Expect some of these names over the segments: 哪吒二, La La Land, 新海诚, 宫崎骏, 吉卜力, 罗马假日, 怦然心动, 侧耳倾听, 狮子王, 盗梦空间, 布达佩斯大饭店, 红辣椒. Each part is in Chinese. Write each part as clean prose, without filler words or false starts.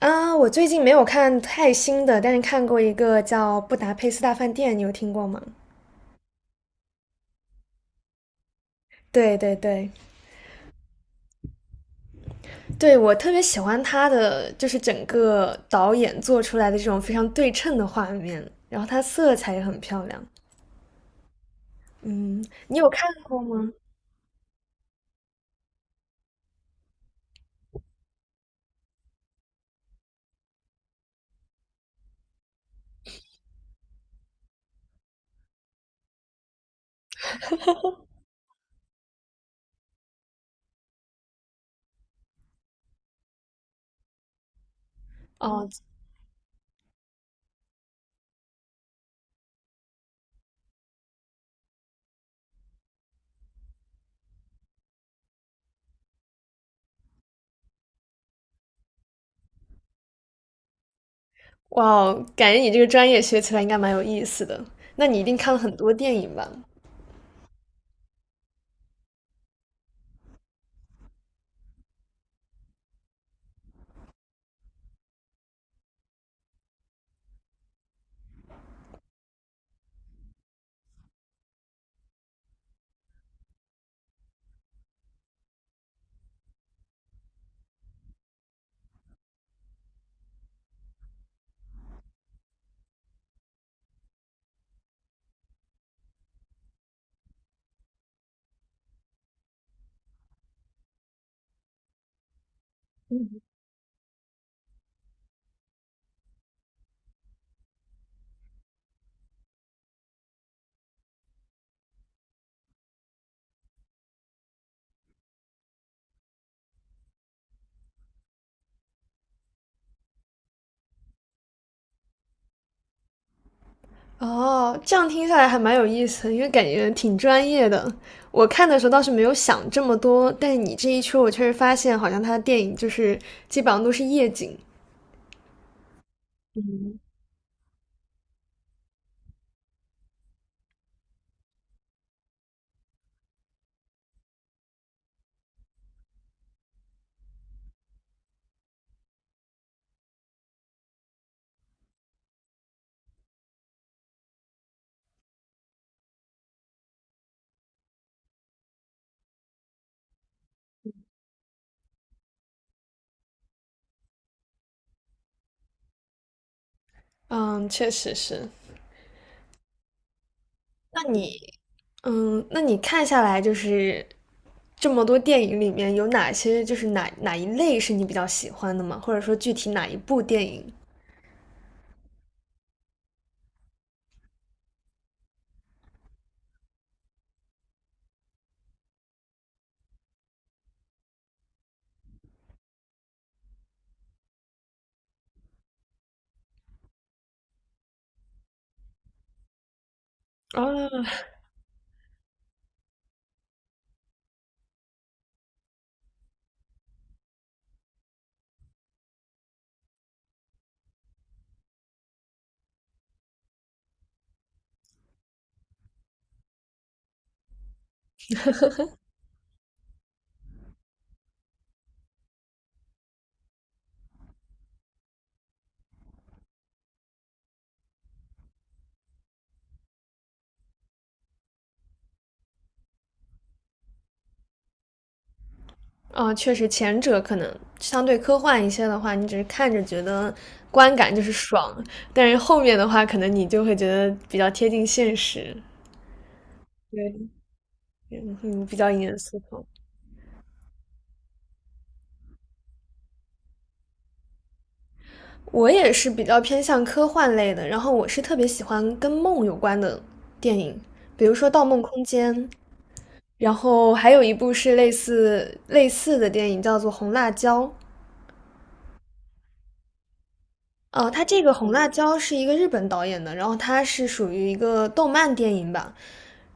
啊，我最近没有看太新的，但是看过一个叫《布达佩斯大饭店》，你有听过吗？对对对，对，我特别喜欢他的，就是整个导演做出来的这种非常对称的画面，然后它色彩也很漂亮。嗯，你有看过吗？哦，哇哦感觉你这个专业学起来应该蛮有意思的。那你一定看了很多电影吧？哦，这样听下来还蛮有意思的，因为感觉挺专业的。我看的时候倒是没有想这么多，但是你这一说，我确实发现好像他的电影就是基本上都是夜景。嗯，确实是。那你，嗯，那你看下来就是这么多电影里面有哪些，就是哪一类是你比较喜欢的吗？或者说具体哪一部电影？啊，啊，确实，前者可能相对科幻一些的话，你只是看着觉得观感就是爽，但是后面的话，可能你就会觉得比较贴近现实，对，嗯，嗯比较引人思考。我也是比较偏向科幻类的，然后我是特别喜欢跟梦有关的电影，比如说《盗梦空间》，然后还有一部是类似的电影叫做《红辣椒》，哦，它这个《红辣椒》是一个日本导演的，然后它是属于一个动漫电影吧。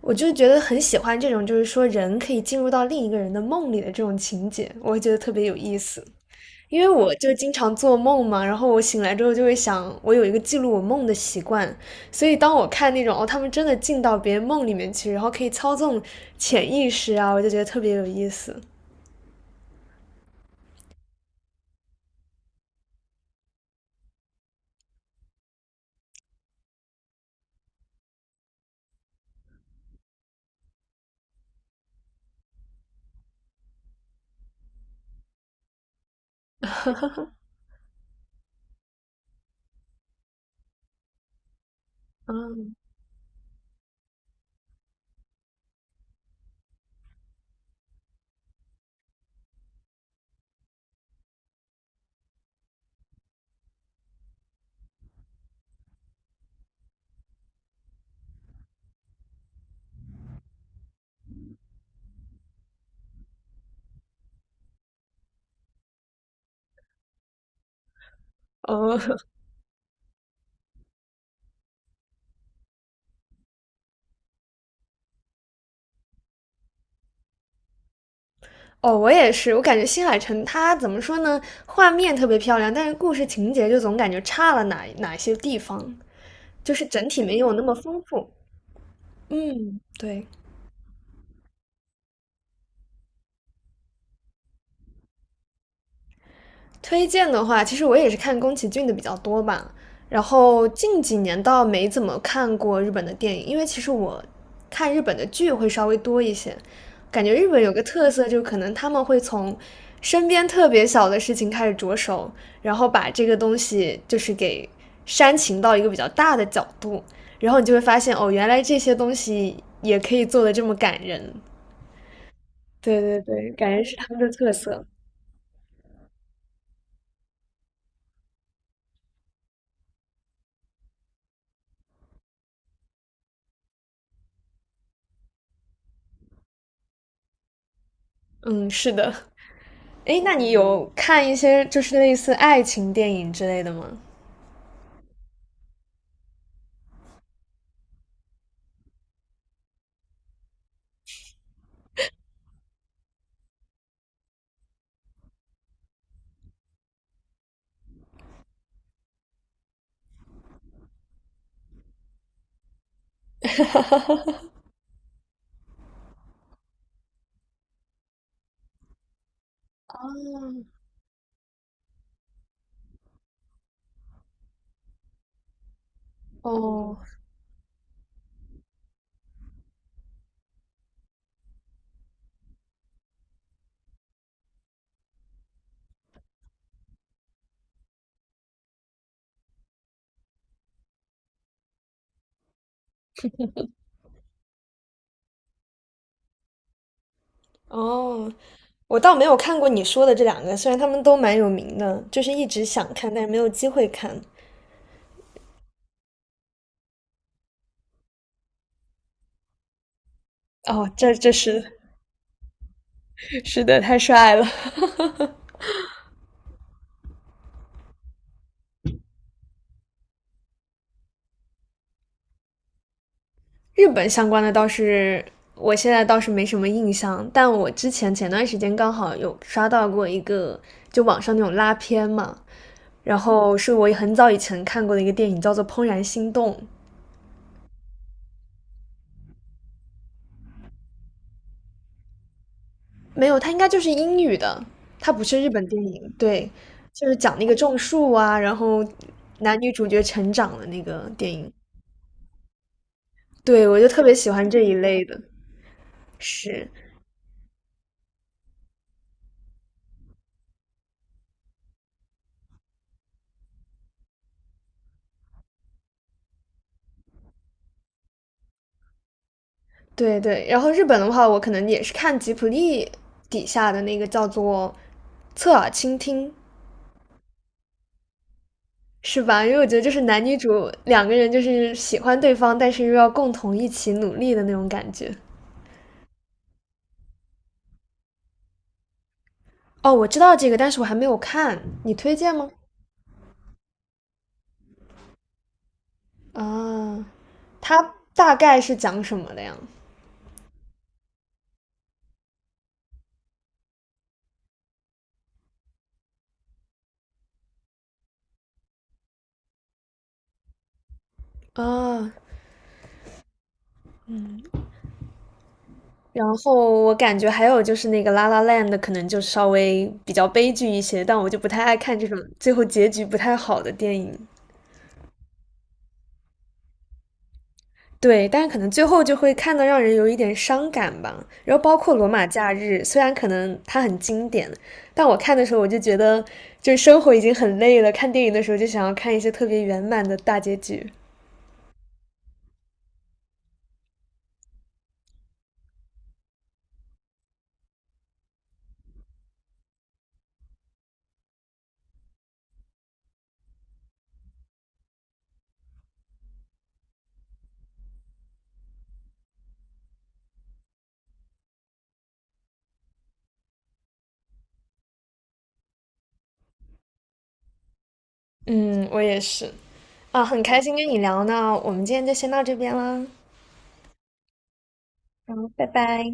我就觉得很喜欢这种，就是说人可以进入到另一个人的梦里的这种情节，我会觉得特别有意思。因为我就经常做梦嘛，然后我醒来之后就会想，我有一个记录我梦的习惯，所以当我看那种哦，他们真的进到别人梦里面去，然后可以操纵潜意识啊，我就觉得特别有意思。嗯，哦，哦，我也是，我感觉新海诚他怎么说呢？画面特别漂亮，但是故事情节就总感觉差了哪些地方，就是整体没有那么丰富。嗯，对。推荐的话，其实我也是看宫崎骏的比较多吧。然后近几年倒没怎么看过日本的电影，因为其实我看日本的剧会稍微多一些。感觉日本有个特色，就可能他们会从身边特别小的事情开始着手，然后把这个东西就是给煽情到一个比较大的角度，然后你就会发现，哦，原来这些东西也可以做的这么感人。对对对，感觉是他们的特色。嗯，是的。哎，那你有看一些就是类似爱情电影之类的吗？哦，哦，我倒没有看过你说的这两个，虽然他们都蛮有名的，就是一直想看，但是没有机会看。哦，这这是是的，太帅了。日本相关的倒是我现在倒是没什么印象，但我之前前段时间刚好有刷到过一个，就网上那种拉片嘛，然后是我很早以前看过的一个电影，叫做《怦然心动》，没有，它应该就是英语的，它不是日本电影。对，就是讲那个种树啊，然后男女主角成长的那个电影。对，我就特别喜欢这一类的。是，对对。然后日本的话，我可能也是看吉卜力底下的那个叫做《侧耳倾听》，是吧？因为我觉得就是男女主两个人就是喜欢对方，但是又要共同一起努力的那种感觉。哦，我知道这个，但是我还没有看，你推荐吗？啊，它大概是讲什么的呀？啊，然后我感觉还有就是那个《La La Land 可能就稍微比较悲剧一些，但我就不太爱看这种最后结局不太好的电影。对，但是可能最后就会看得让人有一点伤感吧。然后包括《罗马假日》，虽然可能它很经典，但我看的时候我就觉得，就是生活已经很累了，看电影的时候就想要看一些特别圆满的大结局。嗯，我也是。啊，很开心跟你聊呢，我们今天就先到这边了，好，拜拜。